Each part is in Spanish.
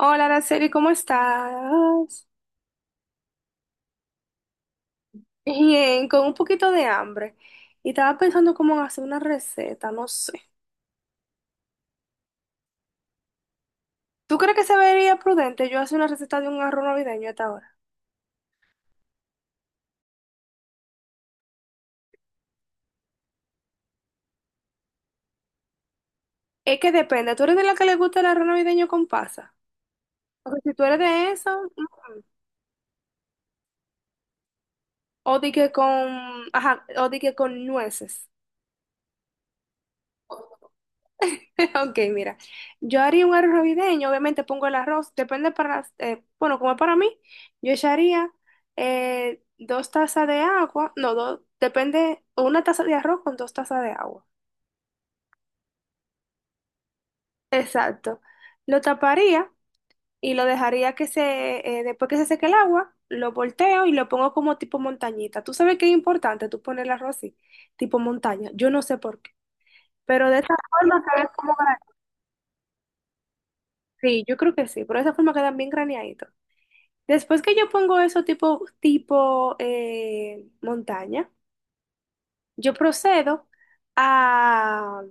Hola, Araceli, ¿cómo estás? Bien, con un poquito de hambre. Y estaba pensando cómo en hacer una receta, no sé. ¿Tú crees que se vería prudente yo hacer una receta de un arroz navideño a esta hora? Es que depende, ¿tú eres de la que le gusta el arroz navideño con pasa? Porque si tú eres de eso, o di que con, ajá, o di que con nueces. Ok, mira, yo haría un arroz navideño, obviamente pongo el arroz, depende para, bueno, como para mí, yo echaría 2 tazas de agua, no, dos, depende, o 1 taza de arroz con 2 tazas de agua. Exacto. Lo taparía y lo dejaría que después que se seque el agua, lo volteo y lo pongo como tipo montañita. Tú sabes que es importante tú poner el arroz así, tipo montaña, yo no sé por qué, pero de esta forma queda como, sí, yo creo que sí, pero de esa forma quedan bien graneaditos. Después que yo pongo eso tipo montaña, yo procedo a,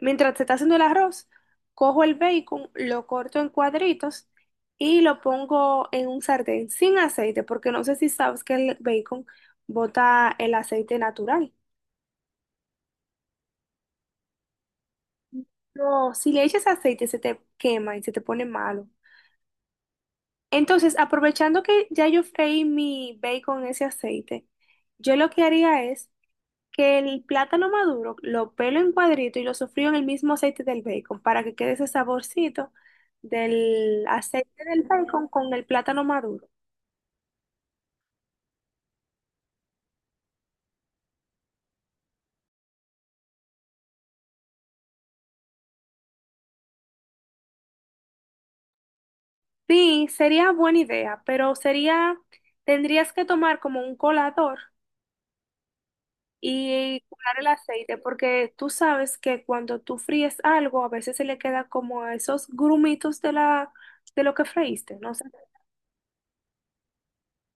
mientras se está haciendo el arroz, cojo el bacon, lo corto en cuadritos y lo pongo en un sartén sin aceite, porque no sé si sabes que el bacon bota el aceite natural. No, si le echas aceite se te quema y se te pone malo. Entonces, aprovechando que ya yo freí mi bacon en ese aceite, yo lo que haría es que el plátano maduro lo pelo en cuadrito y lo sofrío en el mismo aceite del bacon para que quede ese saborcito del aceite del bacon con el plátano maduro. Sí, sería buena idea, tendrías que tomar como un colador y colar el aceite, porque tú sabes que cuando tú fríes algo, a veces se le queda como esos grumitos de lo que freíste, ¿no?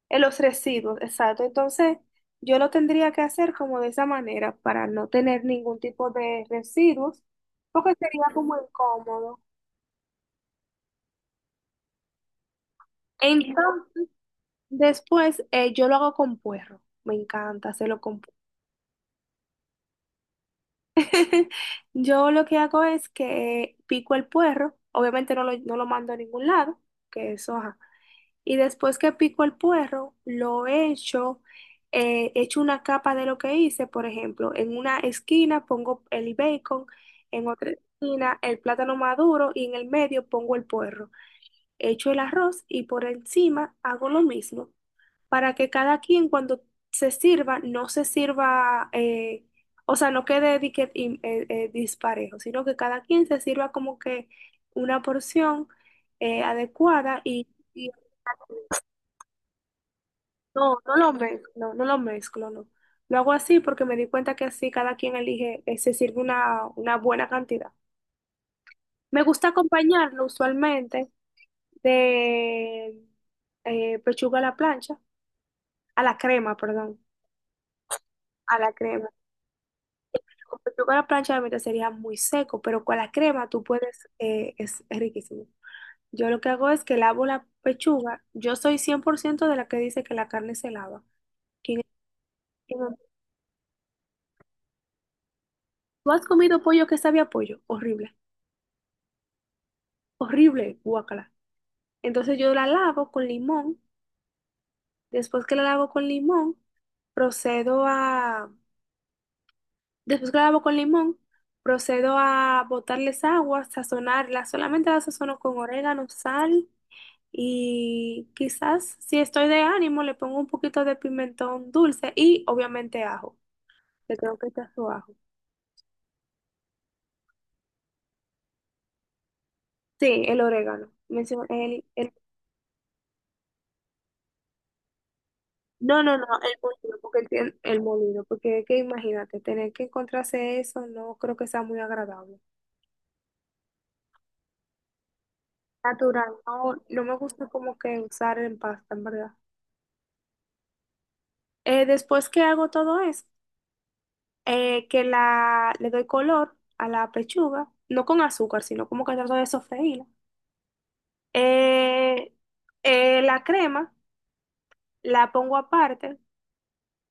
En los residuos, exacto. Entonces, yo lo tendría que hacer como de esa manera para no tener ningún tipo de residuos, porque sería como incómodo. Entonces, después yo lo hago con puerro. Me encanta hacerlo con puerro. Yo lo que hago es que pico el puerro, obviamente no lo mando a ningún lado, que eso, ajá. Y después que pico el puerro, echo una capa de lo que hice, por ejemplo, en una esquina pongo el bacon, en otra esquina el plátano maduro y en el medio pongo el puerro. Echo el arroz y por encima hago lo mismo, para que cada quien cuando se sirva, no se sirva, o sea, no quede disparejo, sino que cada quien se sirva como que una porción adecuada y. No, no lo mezclo, no, no lo mezclo, no. Lo hago así porque me di cuenta que así cada quien elige, se sirve una buena cantidad. Me gusta acompañarlo usualmente de pechuga a la plancha, a la crema, perdón, a la crema. Con pechuga a la plancha realmente sería muy seco, pero con la crema tú puedes, es riquísimo. Yo lo que hago es que lavo la pechuga. Yo soy 100% de la que dice que la carne se lava. Y no- ¿Tú has comido pollo que sabe a pollo? Horrible, horrible, guacala. Entonces yo la lavo con limón. Después que la lavo con limón, procedo a. Después que la lavo con limón, procedo a botarles agua, sazonarla. Solamente la sazono con orégano, sal y quizás si estoy de ánimo le pongo un poquito de pimentón dulce y obviamente ajo. Le tengo que echar su ajo. Sí, el orégano. No, no, no, el molido, porque el molido, porque es que imagínate, tener que encontrarse eso no creo que sea muy agradable. Natural. No, no me gusta como que usar en pasta, en verdad. Después que hago todo eso, le doy color a la pechuga, no con azúcar, sino como que trato de sofreírla. Eh, la crema la pongo aparte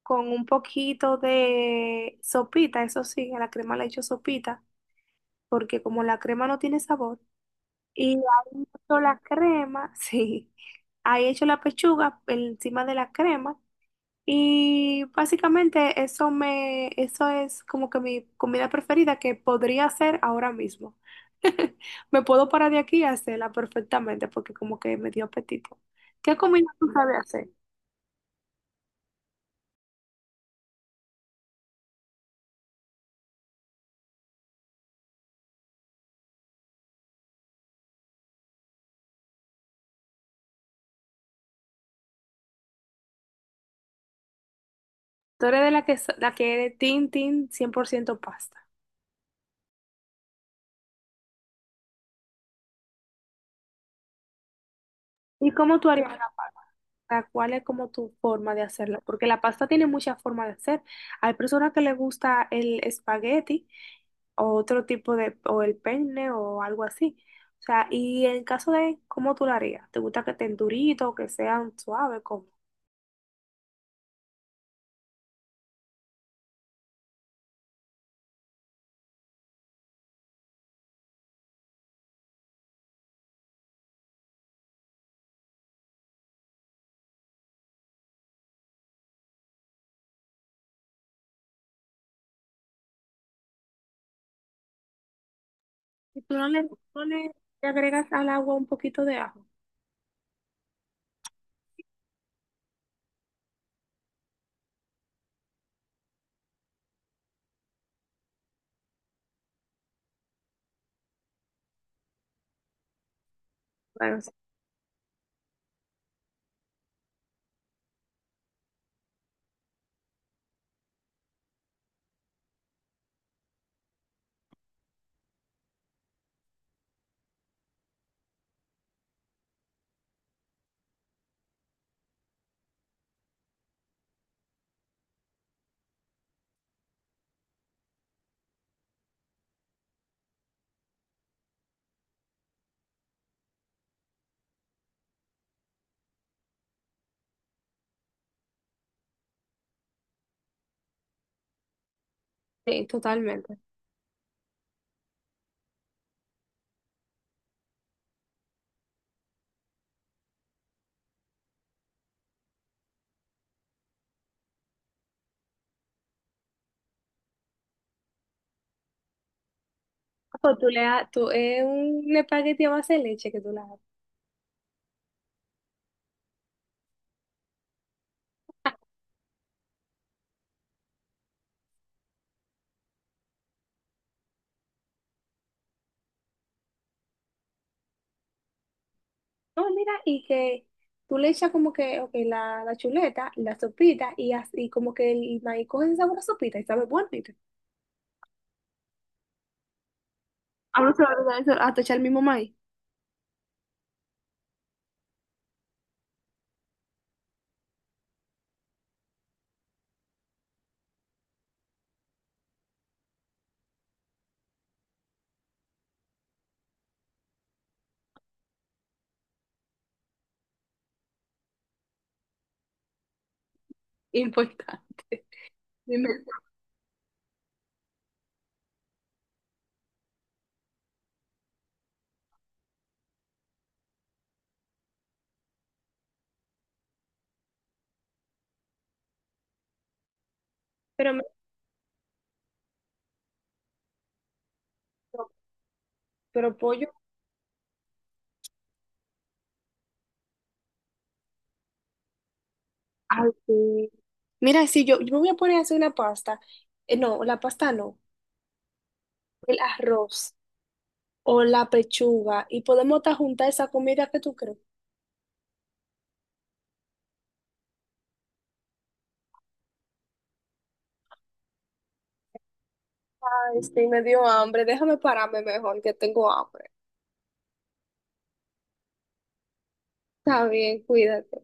con un poquito de sopita, eso sí, a la crema le echo sopita, porque como la crema no tiene sabor, y ahí echo la crema, sí, ahí echo la pechuga encima de la crema. Y básicamente eso es como que mi comida preferida que podría hacer ahora mismo. Me puedo parar de aquí y hacerla perfectamente porque como que me dio apetito. ¿Qué comida tú sabes hacer? Tú eres de la que, la que eres tin, tin, 100% pasta. ¿Y cómo tú harías? Sea, ¿cuál es como tu forma de hacerlo? Porque la pasta tiene muchas formas de hacer. Hay personas que les gusta el espagueti o otro tipo de, o el penne o algo así. O sea, y en caso de cómo tú la harías, ¿te gusta que estén duritos, que sean suaves? ¿Cómo? Y tú no le, no le- le agregas al agua un poquito de ajo. Bueno, sí, sí, totalmente. O tú tú, es un espagueti a base de leche que tú le haces. No, mira, y que tú le echas como que, ok, la chuleta, la sopita, y así como que el maíz coge ese sabor a sopita y sabe bueno. ¿Viste? A uno se va a olvidar eso, hasta echar el mismo maíz. Importante. Dime. Pero, pero pollo. Ay, sí. Mira, si yo, me voy a poner a hacer una pasta, no, la pasta no, el arroz o la pechuga, y podemos hasta juntar esa comida que tú crees. Ay, sí, me dio hambre, déjame pararme mejor, que tengo hambre. Está bien, cuídate.